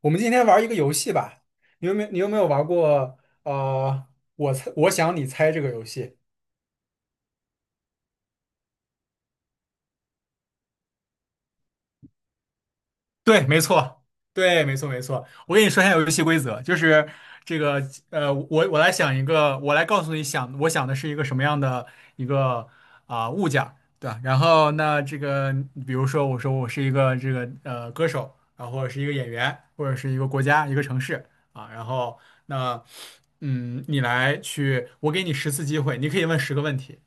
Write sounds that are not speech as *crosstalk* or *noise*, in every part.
我们今天玩一个游戏吧，你有没有玩过呃，我想你猜这个游戏？对，没错。对，没错，没错。我跟你说一下游戏规则，就是这个，我来想一个，我来告诉你想，我想的是一个什么样的一个啊、物件儿，对吧？然后那这个，比如说我说我是一个这个歌手啊，或者是一个演员，或者是一个国家、一个城市啊。然后那嗯，你来去，我给你十次机会，你可以问十个问题。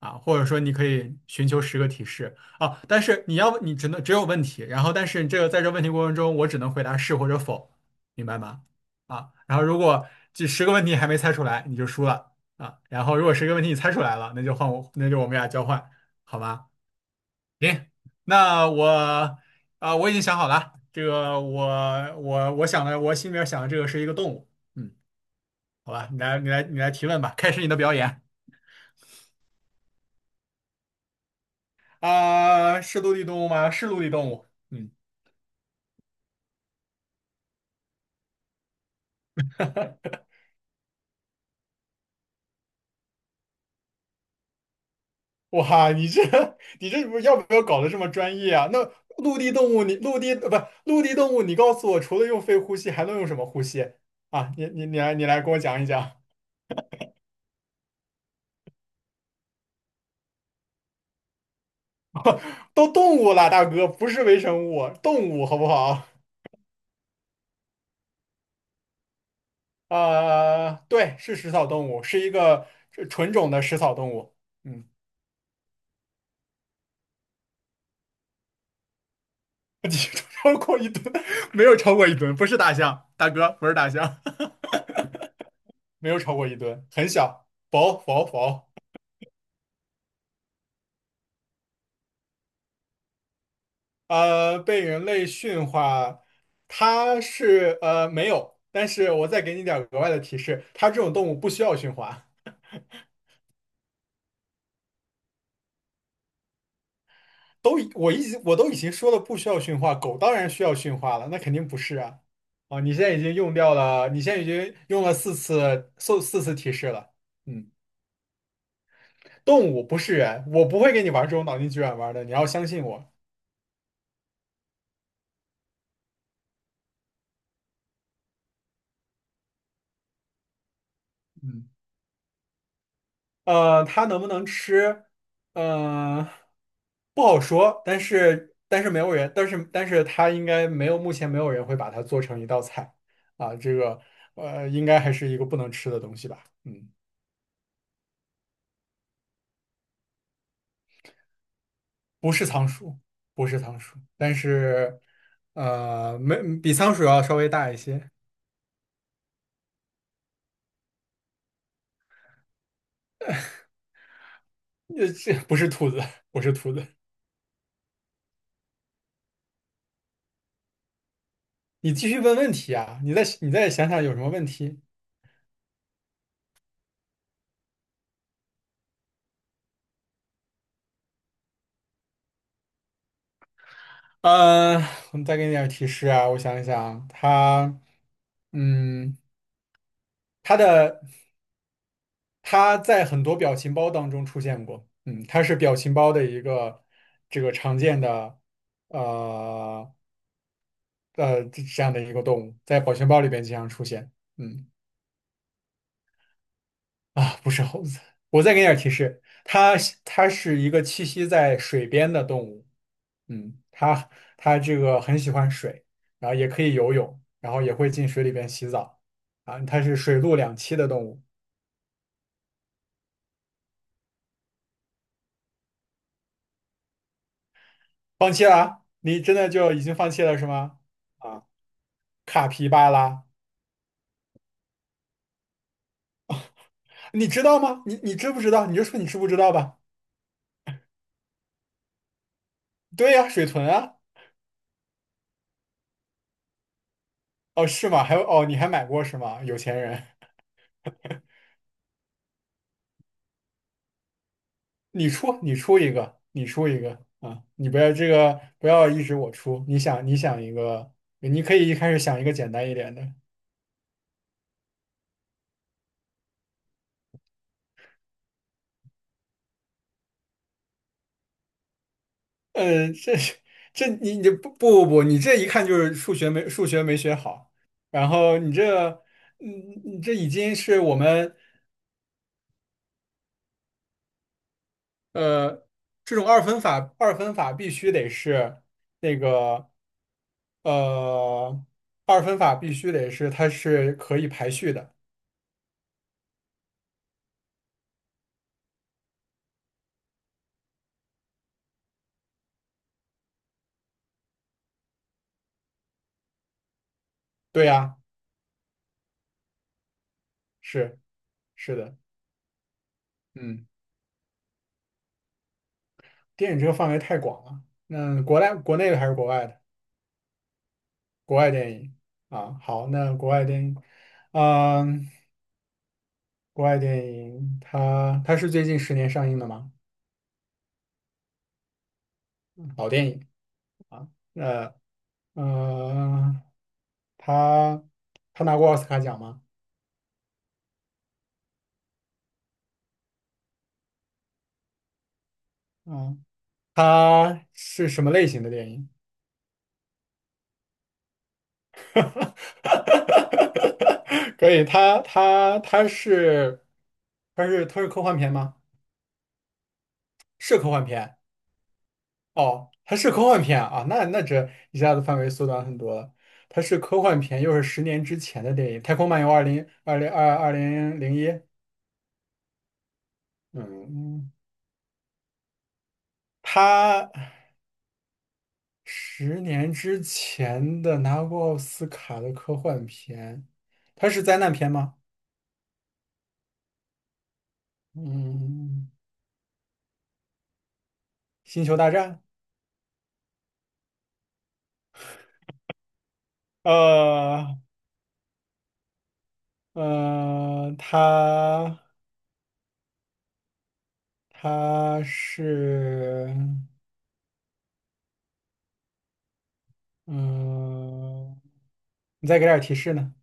啊，或者说你可以寻求十个提示啊，但是你只能只有问题，然后但是这个在这问题过程中，我只能回答是或者否，明白吗？啊，然后如果这十个问题还没猜出来，你就输了啊。然后如果十个问题你猜出来了，那就换我，那就我们俩交换，好吧？行，那我啊，我已经想好了，这个我想的，我心里面想的这个是一个动物。嗯，好吧，你来提问吧，开始你的表演。啊，是陆地动物吗？是陆地动物。嗯，哇，你这 *laughs* 你这不要搞得这么专业啊？那陆地动物你，陆地呃不陆地动物，你告诉我，除了用肺呼吸，还能用什么呼吸啊？你来跟我讲一讲。都动物了，大哥，不是微生物，动物好不好？呃，对，是食草动物，是一个纯种的食草动物。嗯，*laughs* 体重超过一吨，没有超过一吨，不是大象，大哥，不是大象。*laughs* 没有超过一吨，很小，薄。呃，被人类驯化，它是没有，但是我再给你点儿额外的提示，它这种动物不需要驯化。我一直我都已经说了不需要驯化，狗当然需要驯化了，那肯定不是啊。啊，你现在已经用掉了，你现在已经用了四次提示了。嗯，动物不是人，我不会跟你玩这种脑筋急转弯的，你要相信我。嗯。呃，它能不能吃？呃，不好说。但是，但是没有人，但是，但是它应该没有，目前没有人会把它做成一道菜啊。这个，呃，应该还是一个不能吃的东西吧？嗯，不是仓鼠，不是仓鼠，但是，呃，没比仓鼠要稍微大一些。呃，这不是兔子，不是兔子。你继续问问题啊！你再想想有什么问题。嗯，我们再给你点儿提示啊，我想一想，他，嗯，他的他在很多表情包当中出现过。嗯，他是表情包的一个这个常见的，呃这这样的一个动物，在表情包里边经常出现。嗯啊，不是猴子，我再给你点儿提示，它是一个栖息在水边的动物。嗯，他他这个很喜欢水，然后也可以游泳，然后也会进水里边洗澡啊。它是水陆两栖的动物。放弃了啊？你真的就已经放弃了是吗？啊，卡皮巴拉，你知道吗？你知不知道吧。对呀，水豚啊。哦，是吗？还有哦，你还买过是吗？有钱人。你出一个啊！你不要这个，不要一直我出，你想一个，你可以一开始想一个简单一点的。嗯，这是这你你不不不，你这一看就是数学没学好。然后你这嗯你这已经是我们呃这种二分法必须得是那个呃二分法必须得是它是可以排序的。对呀，是是的。嗯，电影这个范围太广了，那国内的还是国外的？国外电影啊，好，那国外电影。嗯。国外电影，它是最近十年上映的吗？老电影，呃呃，它它拿过奥斯卡奖吗？嗯，它是什么类型的电影？*laughs* 可以，它是科幻片吗？是科幻片。哦，它是科幻片啊，那那这一下子范围缩短很多了。它是科幻片，又是十年之前的电影，《太空漫游二零二零二二零零一》。嗯，他十年之前的拿过奥斯卡的科幻片，他是灾难片吗？嗯，《星球大战》。呃呃，他他嗯、你再给点提示呢？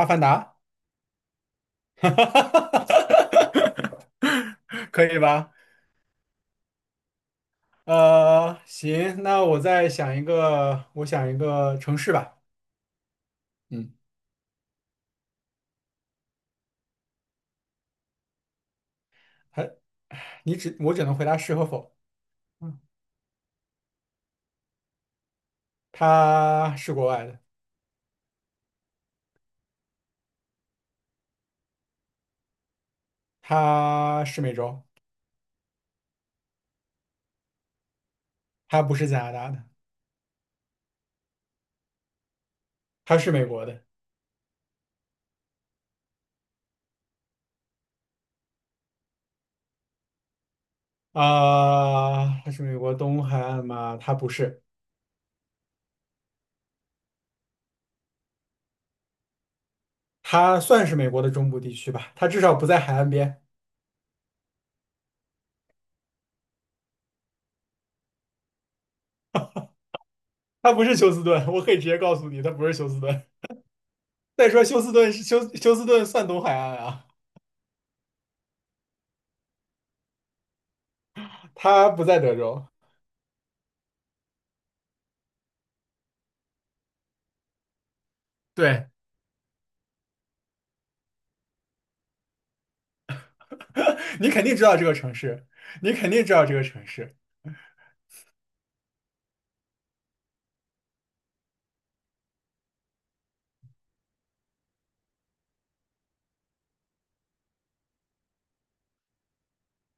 《阿凡达》*laughs* 可以吧？呃，行，那我再想一个，我想一个城市吧。嗯。还，我只能回答是和否。嗯，他是国外的，他是美洲，他不是加拿大的，他是美国的啊。他是美国东海岸吗？他不是，他算是美国的中部地区吧，他至少不在海岸边。他不是休斯顿，我可以直接告诉你，他不是休斯顿。再说休斯顿是休斯顿算东海岸啊。他不在德州，对，*laughs* 你肯定知道这个城市，你肯定知道这个城市。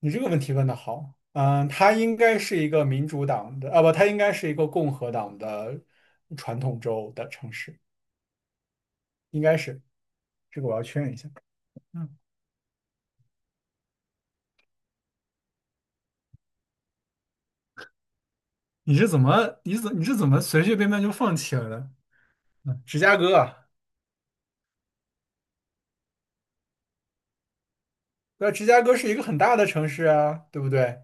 你这个问题问的好。嗯，它应该是一个民主党的，啊不，它应该是一个共和党的传统州的城市，应该是，这个我要确认一下。嗯，你是怎么随随便便就放弃了的？嗯，芝加哥啊。那芝加哥是一个很大的城市啊，对不对？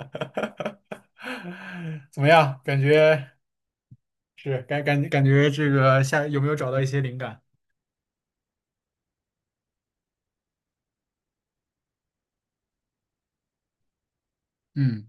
*laughs* 怎么样？感觉是感觉这个下有没有找到一些灵感？嗯。